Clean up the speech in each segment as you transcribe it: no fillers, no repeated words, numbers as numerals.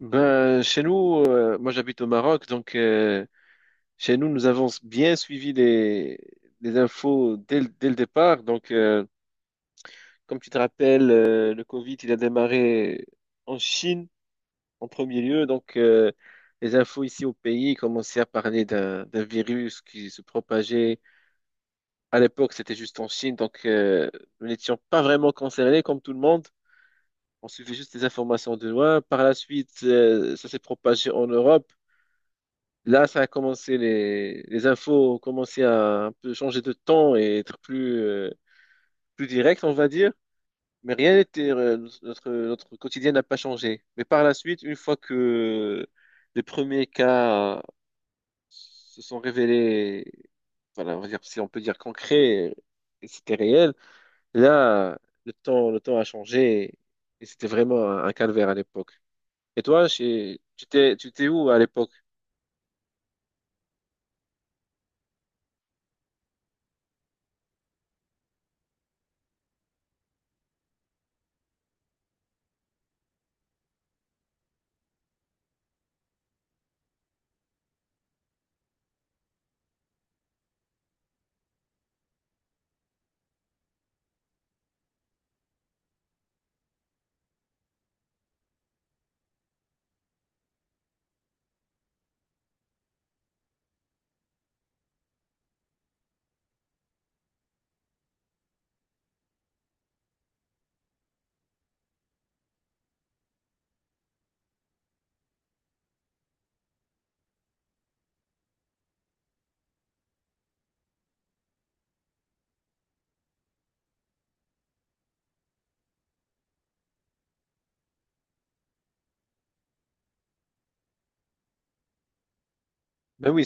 Ben, chez nous, moi j'habite au Maroc, donc chez nous, nous avons bien suivi les infos dès le départ. Donc, comme tu te rappelles, le Covid, il a démarré en Chine en premier lieu. Donc, les infos ici au pays commençaient à parler d'un virus qui se propageait. À l'époque, c'était juste en Chine, donc nous n'étions pas vraiment concernés comme tout le monde. On suivait juste les informations de loin. Par la suite, ça s'est propagé en Europe. Là, ça a commencé, les infos ont commencé à un peu changer de ton et être plus, plus direct, on va dire. Mais rien n'était, notre quotidien n'a pas changé. Mais par la suite, une fois que les premiers cas se sont révélés, voilà, on va dire, si on peut dire concret, et c'était réel, là, le temps a changé et c'était vraiment un calvaire à l'époque. Et toi, tu t'es où à l'époque? Ben oui.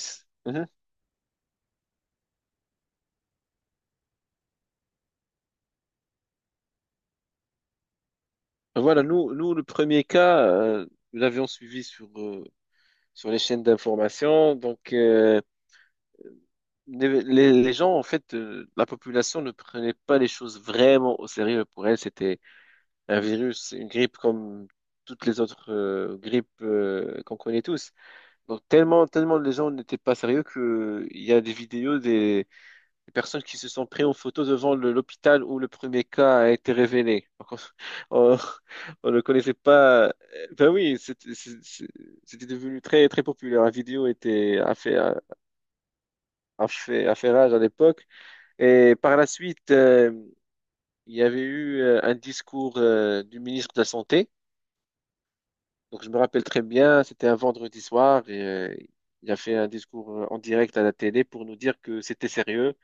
Voilà, nous, le premier cas, nous l'avions suivi sur, sur les chaînes d'information. Donc, les gens, en fait, la population ne prenait pas les choses vraiment au sérieux. Pour elle, c'était un virus, une grippe comme toutes les autres grippes qu'on connaît tous. Donc, tellement les gens n'étaient pas sérieux qu'il y a des vidéos les personnes qui se sont prises en photo devant l'hôpital où le premier cas a été révélé. Donc, on, on ne connaissait pas. Ben oui, c'était devenu très très populaire. La vidéo était a fait a fait a fait rage à l'époque. Et par la suite, il y avait eu un discours du ministre de la Santé. Donc je me rappelle très bien, c'était un vendredi soir et il a fait un discours en direct à la télé pour nous dire que c'était sérieux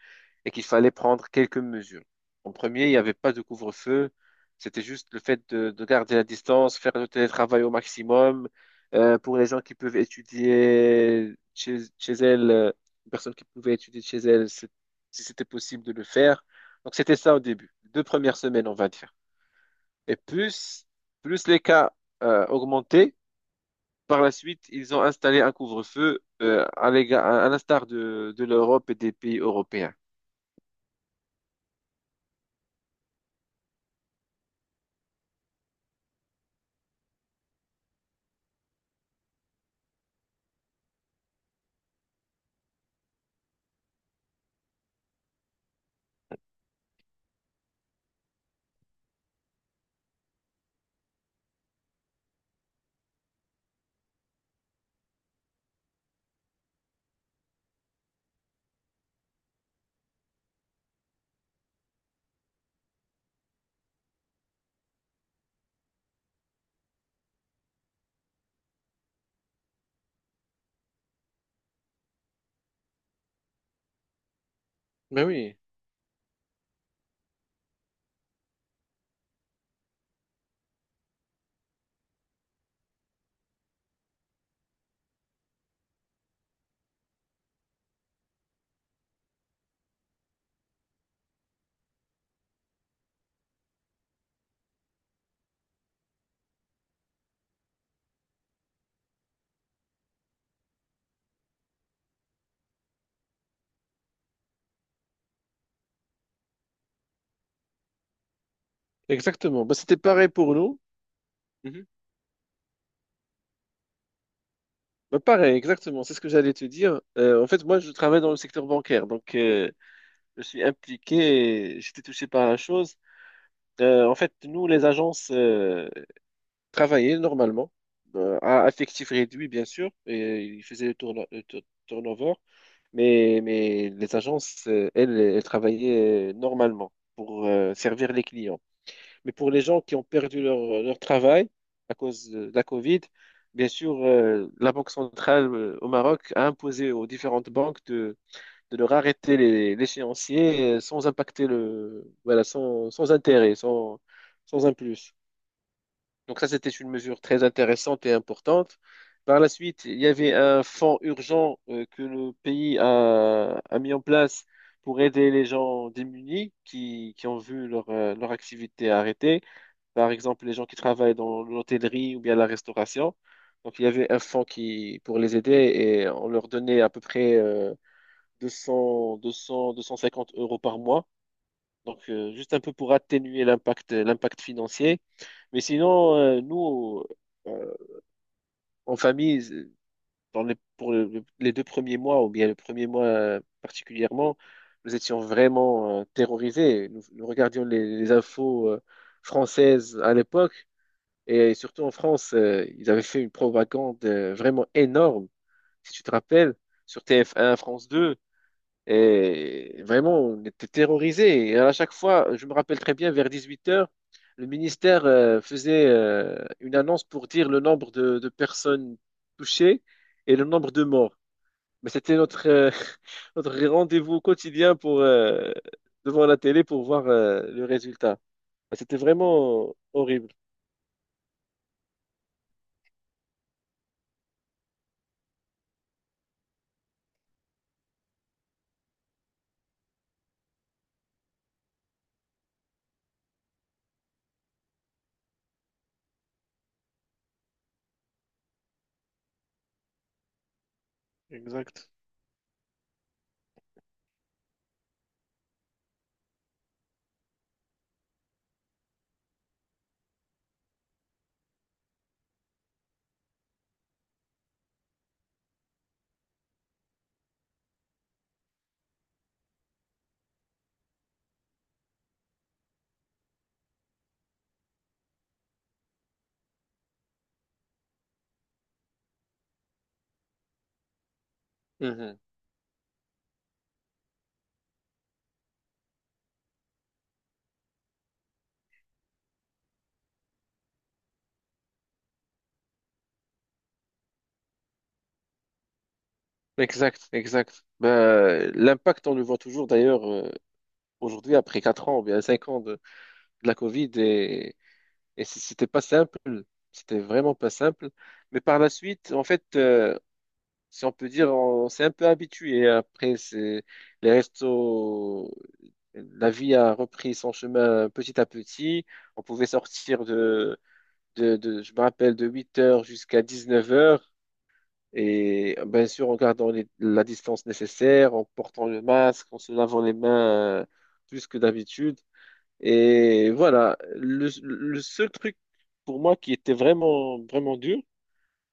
et qu'il fallait prendre quelques mesures. En premier, il n'y avait pas de couvre-feu, c'était juste le fait de garder la distance, faire le télétravail au maximum. Pour les gens qui peuvent étudier chez elles, les personnes qui pouvaient étudier chez elles, si c'était possible de le faire. Donc c'était ça au début, deux premières semaines, on va dire. Et plus les cas augmentaient, par la suite, ils ont installé un couvre-feu à l'instar de l'Europe et des pays européens. Ben oui, exactement. Ben, c'était pareil pour nous. Mhm. Bah, pareil, exactement, c'est ce que j'allais te dire. En fait, moi, je travaille dans le secteur bancaire, donc je suis impliqué, et j'étais touché par la chose. En fait, nous, les agences, travaillait normalement, à effectif réduit bien sûr, et il faisait le turnover, mais les agences, elles travaillaient normalement pour servir les clients. Mais pour les gens qui ont perdu leur travail à cause de la Covid, bien sûr, la Banque centrale au Maroc a imposé aux différentes banques de leur arrêter l'échéancier sans impacter le, voilà, sans intérêt, sans un plus. Donc ça, c'était une mesure très intéressante et importante. Par la suite, il y avait un fonds urgent que le pays a mis en place pour aider les gens démunis qui ont vu leur activité arrêtée. Par exemple, les gens qui travaillent dans l'hôtellerie ou bien la restauration. Donc il y avait un fonds pour les aider et on leur donnait à peu près 200, 200, 250 euros par mois. Donc juste un peu pour atténuer l'impact financier. Mais sinon, nous... euh, en famille, pour les deux premiers mois, ou bien le premier mois particulièrement, nous étions vraiment terrorisés. Nous regardions les infos françaises à l'époque, et surtout en France, ils avaient fait une propagande vraiment énorme, si tu te rappelles, sur TF1, France 2. Et vraiment, on était terrorisés. Et à chaque fois, je me rappelle très bien, vers 18 heures, le ministère faisait une annonce pour dire le nombre de personnes touchées et le nombre de morts. Mais c'était notre rendez-vous quotidien pour, devant la télé pour voir le résultat. C'était vraiment horrible. Exact. Mhm. Exact, exact. Ben, l'impact, on le voit toujours d'ailleurs aujourd'hui après 4 ans, ou bien 5 ans de la Covid. C'était pas simple, c'était vraiment pas simple. Mais par la suite, en fait, si on peut dire, on s'est un peu habitué. Après, c'est les restos, la vie a repris son chemin petit à petit. On pouvait sortir je me rappelle, de 8 heures jusqu'à 19 heures. Et bien sûr, en gardant la distance nécessaire, en portant le masque, en se lavant les mains plus que d'habitude. Et voilà, le seul truc pour moi qui était vraiment, vraiment dur,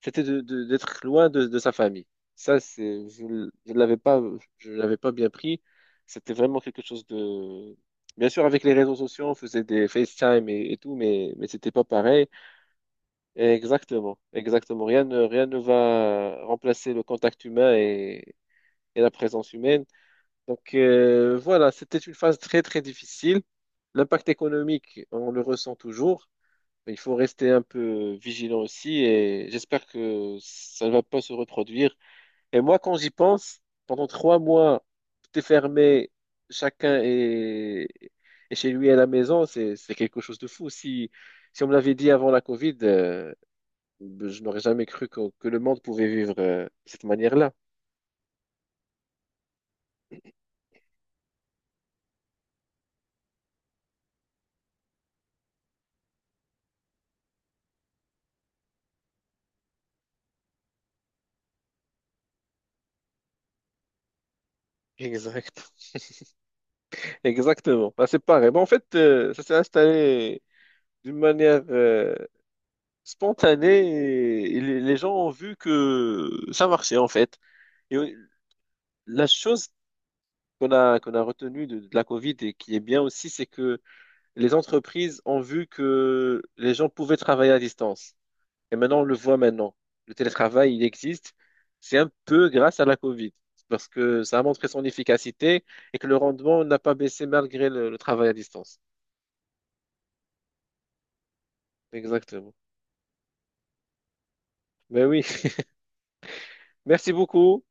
c'était d'être loin de sa famille. Ça, je ne l'avais pas, je l'avais pas bien pris. C'était vraiment quelque chose de... Bien sûr, avec les réseaux sociaux, on faisait des FaceTime et tout, mais c'était pas pareil. Et exactement, exactement. Rien ne va remplacer le contact humain et la présence humaine. Donc voilà, c'était une phase très très difficile. L'impact économique, on le ressent toujours, mais il faut rester un peu vigilant aussi et j'espère que ça ne va pas se reproduire. Et moi, quand j'y pense, pendant 3 mois, tout est fermé, chacun est chez lui à la maison, c'est quelque chose de fou. Si on me l'avait dit avant la Covid, je n'aurais jamais cru que le monde pouvait vivre de cette manière-là. Exact. Exactement. Bah, c'est pareil. Bah, en fait, ça s'est installé d'une manière spontanée et les gens ont vu que ça marchait en fait. Et la chose qu'on a retenue de la Covid et qui est bien aussi, c'est que les entreprises ont vu que les gens pouvaient travailler à distance. Et maintenant, on le voit maintenant. Le télétravail, il existe. C'est un peu grâce à la Covid parce que ça a montré son efficacité et que le rendement n'a pas baissé malgré le travail à distance. Exactement. Ben oui, merci beaucoup.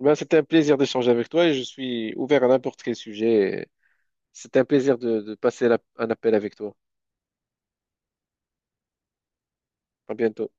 Ben, c'était un plaisir d'échanger avec toi et je suis ouvert à n'importe quel sujet. C'est un plaisir de passer un appel avec toi. À bientôt.